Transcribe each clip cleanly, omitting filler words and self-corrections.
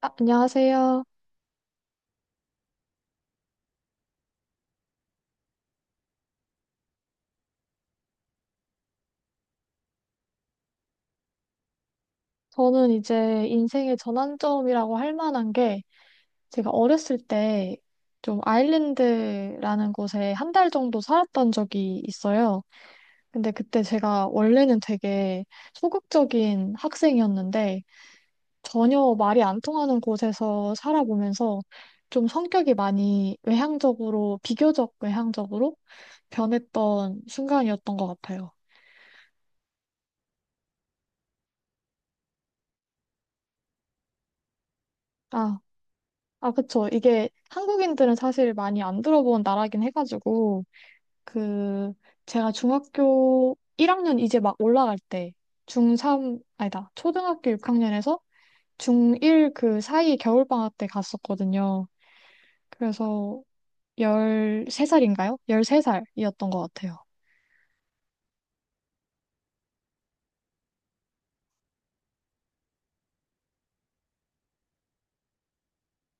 아, 안녕하세요. 저는 이제 인생의 전환점이라고 할 만한 게 제가 어렸을 때 좀 아일랜드라는 곳에 한 달 정도 살았던 적이 있어요. 근데 그때 제가 원래는 되게 소극적인 학생이었는데 전혀 말이 안 통하는 곳에서 살아보면서 좀 성격이 많이 외향적으로, 비교적 외향적으로 변했던 순간이었던 것 같아요. 아, 아, 그쵸. 이게 한국인들은 사실 많이 안 들어본 나라긴 해가지고, 그, 제가 중학교 1학년 이제 막 올라갈 때, 중3, 아니다, 초등학교 6학년에서 중1 그 사이 겨울방학 때 갔었거든요. 그래서 13살인가요? 13살이었던 것 같아요.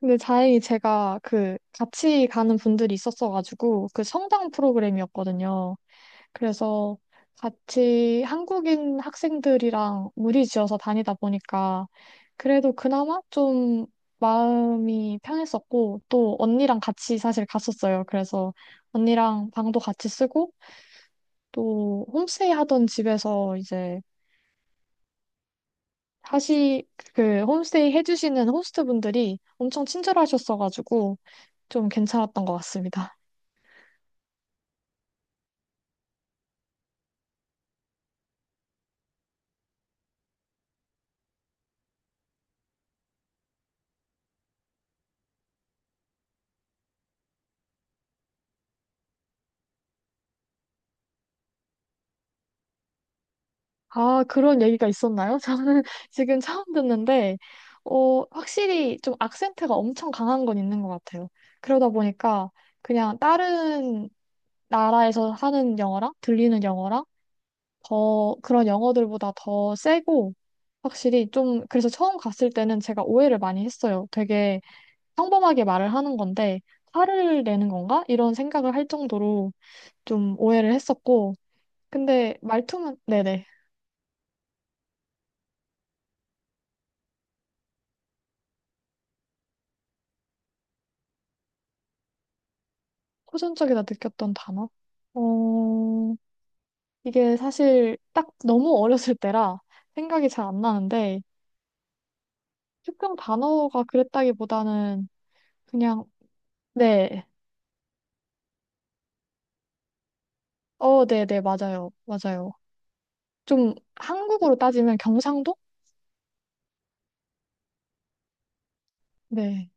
근데 다행히 제가 그 같이 가는 분들이 있었어가지고, 그 성당 프로그램이었거든요. 그래서 같이 한국인 학생들이랑 무리지어서 다니다 보니까 그래도 그나마 좀 마음이 편했었고 또 언니랑 같이 사실 갔었어요. 그래서 언니랑 방도 같이 쓰고 또 홈스테이 하던 집에서 이제 하시 그 홈스테이 해주시는 호스트분들이 엄청 친절하셨어가지고 좀 괜찮았던 것 같습니다. 아, 그런 얘기가 있었나요? 저는 지금 처음 듣는데, 어, 확실히 좀 악센트가 엄청 강한 건 있는 것 같아요. 그러다 보니까 그냥 다른 나라에서 하는 영어랑 들리는 영어랑 더 그런 영어들보다 더 세고, 확실히 좀, 그래서 처음 갔을 때는 제가 오해를 많이 했어요. 되게 평범하게 말을 하는 건데, 화를 내는 건가? 이런 생각을 할 정도로 좀 오해를 했었고, 근데 말투만, 네네. 호전적이다 느꼈던 단어? 어, 이게 사실 딱 너무 어렸을 때라 생각이 잘 안 나는데, 특정 단어가 그랬다기보다는 그냥, 네, 어, 네, 네, 맞아요. 맞아요. 좀 한국으로 따지면 경상도? 네.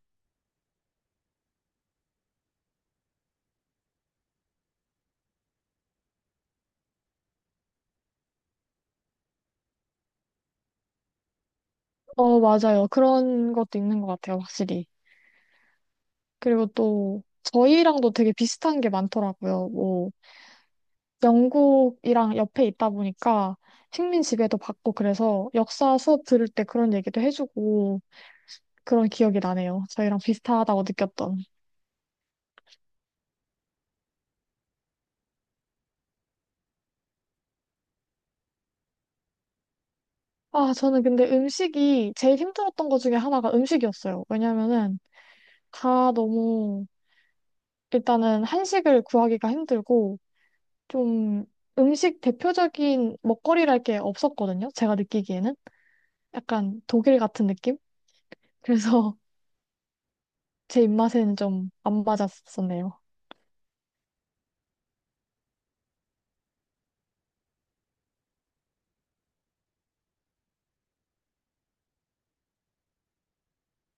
어, 맞아요. 그런 것도 있는 것 같아요, 확실히. 그리고 또 저희랑도 되게 비슷한 게 많더라고요. 뭐, 영국이랑 옆에 있다 보니까 식민 지배도 받고 그래서 역사 수업 들을 때 그런 얘기도 해주고 그런 기억이 나네요. 저희랑 비슷하다고 느꼈던. 아, 저는 근데 음식이 제일 힘들었던 것 중에 하나가 음식이었어요. 왜냐면은 다 너무 일단은 한식을 구하기가 힘들고 좀 음식 대표적인 먹거리랄 게 없었거든요. 제가 느끼기에는 약간 독일 같은 느낌? 그래서 제 입맛에는 좀 안 맞았었네요.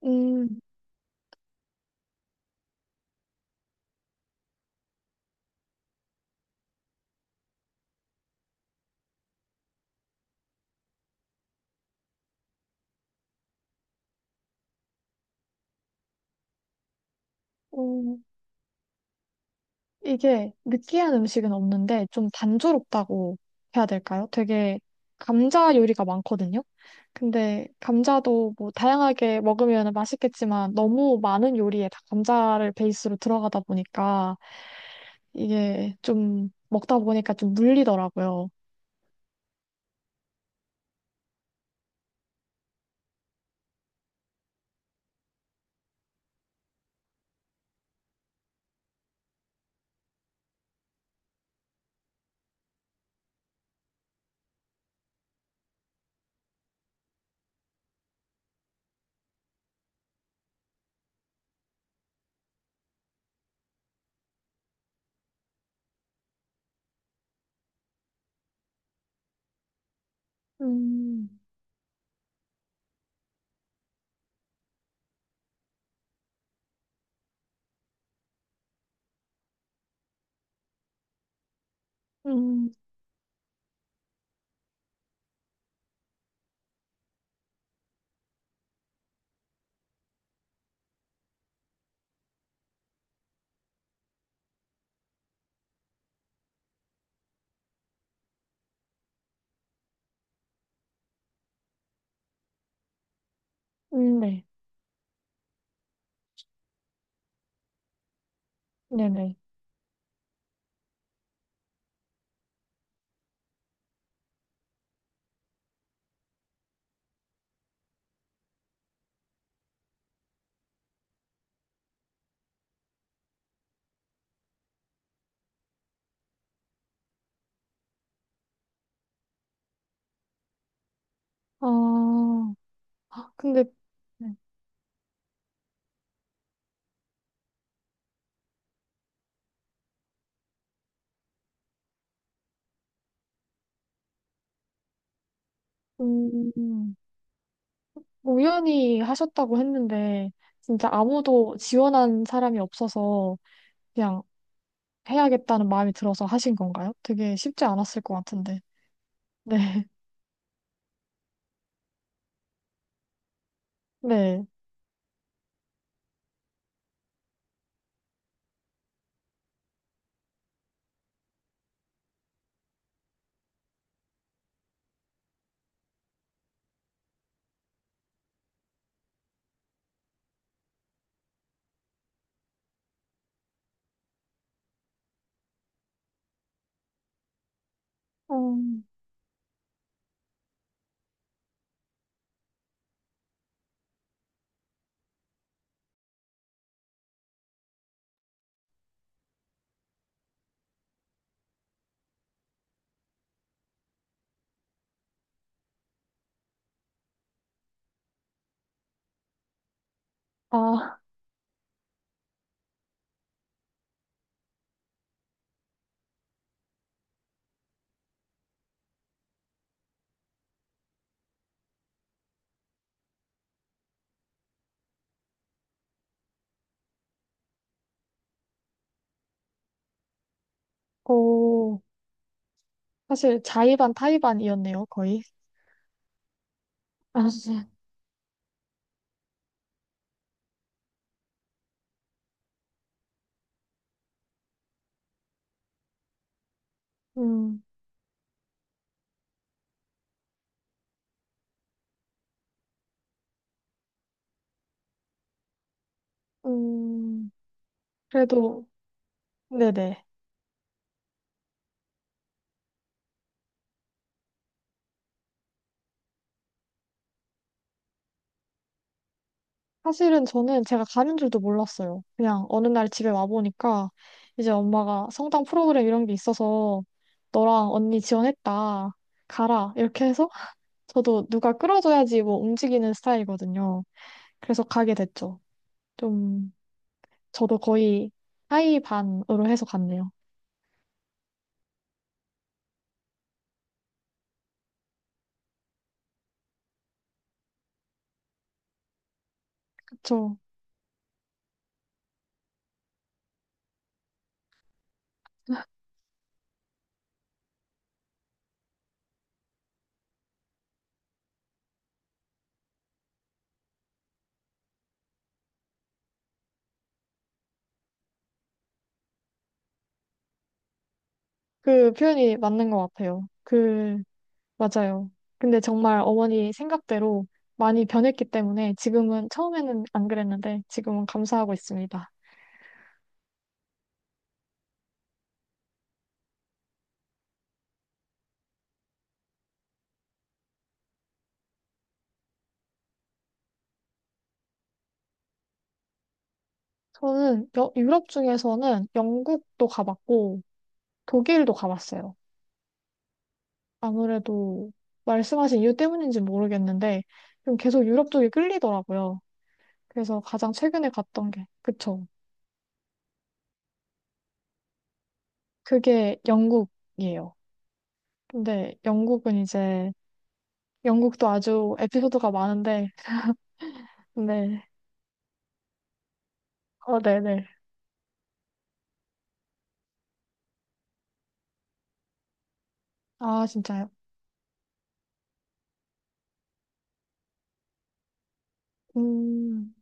음, 음, 이게 느끼한 음식은 없는데 좀 단조롭다고 해야 될까요? 되게 감자 요리가 많거든요. 근데 감자도 뭐 다양하게 먹으면 맛있겠지만 너무 많은 요리에 다 감자를 베이스로 들어가다 보니까 이게 좀 먹다 보니까 좀 물리더라고요. 음, 음, 네. 네네. 아, 근데, 네. 음, 우연히 하셨다고 했는데 진짜 아무도 지원한 사람이 없어서 그냥 해야겠다는 마음이 들어서 하신 건가요? 되게 쉽지 않았을 것 같은데. 네, 네. 음, 아, 오, 사실 자의반 타의반이었네요, 거의. 아, 음, 음, 그래도 네네. 사실은 저는 제가 가는 줄도 몰랐어요. 그냥 어느 날 집에 와보니까 이제 엄마가 성당 프로그램 이런 게 있어서 너랑 언니 지원했다. 가라. 이렇게 해서 저도 누가 끌어줘야지 뭐 움직이는 스타일이거든요. 그래서 가게 됐죠. 좀 저도 거의 하이 반으로 해서 갔네요. 그쵸. 그 표현이 맞는 것 같아요. 맞아요. 근데 정말 어머니 생각대로 많이 변했기 때문에 지금은 처음에는 안 그랬는데 지금은 감사하고 있습니다. 저는 유럽 중에서는 영국도 가봤고 독일도 가봤어요. 아무래도 말씀하신 이유 때문인지 모르겠는데 좀 계속 유럽 쪽이 끌리더라고요. 그래서 가장 최근에 갔던 게 그쵸. 그게 영국이에요. 근데 영국은 이제 영국도 아주 에피소드가 많은데 네. 어, 네네. 아, 진짜요? 음,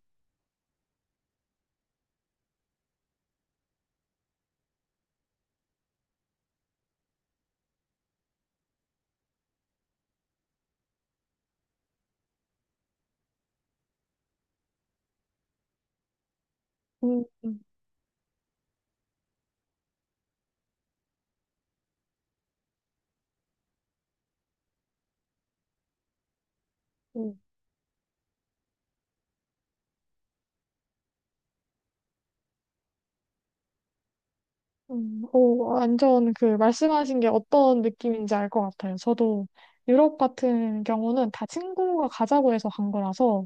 음, 음. 음. 오, 완전 그 말씀하신 게 어떤 느낌인지 알 것 같아요. 저도 유럽 같은 경우는 다 친구가 가자고 해서 간 거라서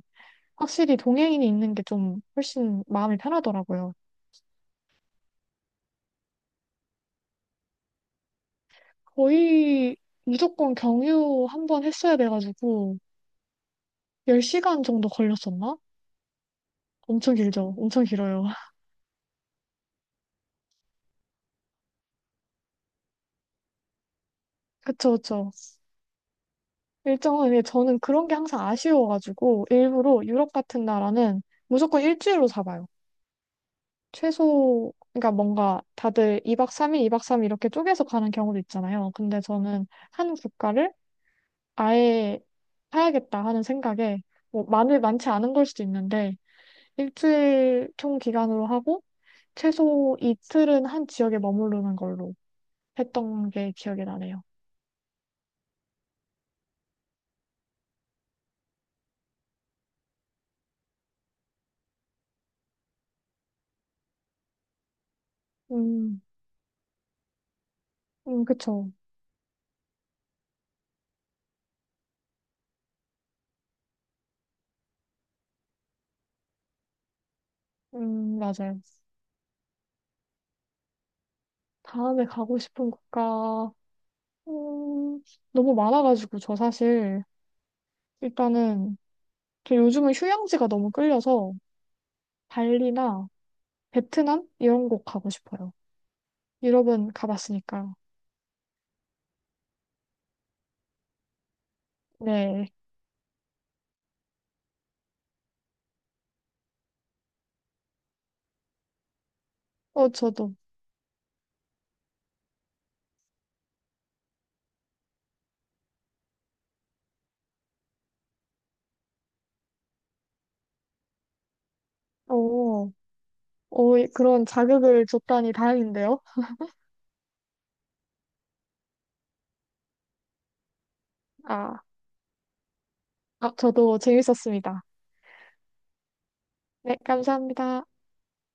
확실히 동행인이 있는 게 좀 훨씬 마음이 편하더라고요. 거의 무조건 경유 한 번 했어야 돼가지고 10시간 정도 걸렸었나? 엄청 길죠. 엄청 길어요. 그쵸, 그쵸. 일정은 예, 저는 그런 게 항상 아쉬워가지고 일부러 유럽 같은 나라는 무조건 일주일로 잡아요. 최소, 그러니까 뭔가 다들 2박 3일, 2박 3일 이렇게 쪼개서 가는 경우도 있잖아요. 근데 저는 한 국가를 아예 사야겠다 하는 생각에, 뭐, 많지 않은 걸 수도 있는데, 일주일 총 기간으로 하고, 최소 이틀은 한 지역에 머무르는 걸로 했던 게 기억이 나네요. 음, 그쵸. 맞아요. 다음에 가고 싶은 국가, 음, 너무 많아가지고, 저 사실, 일단은, 저 요즘은 휴양지가 너무 끌려서 발리나 베트남 이런 곳 가고 싶어요. 유럽은 가봤으니까. 네. 어, 저도. 어, 그런 자극을 줬다니 다행인데요. 아, 아, 저도 재밌었습니다. 네, 감사합니다.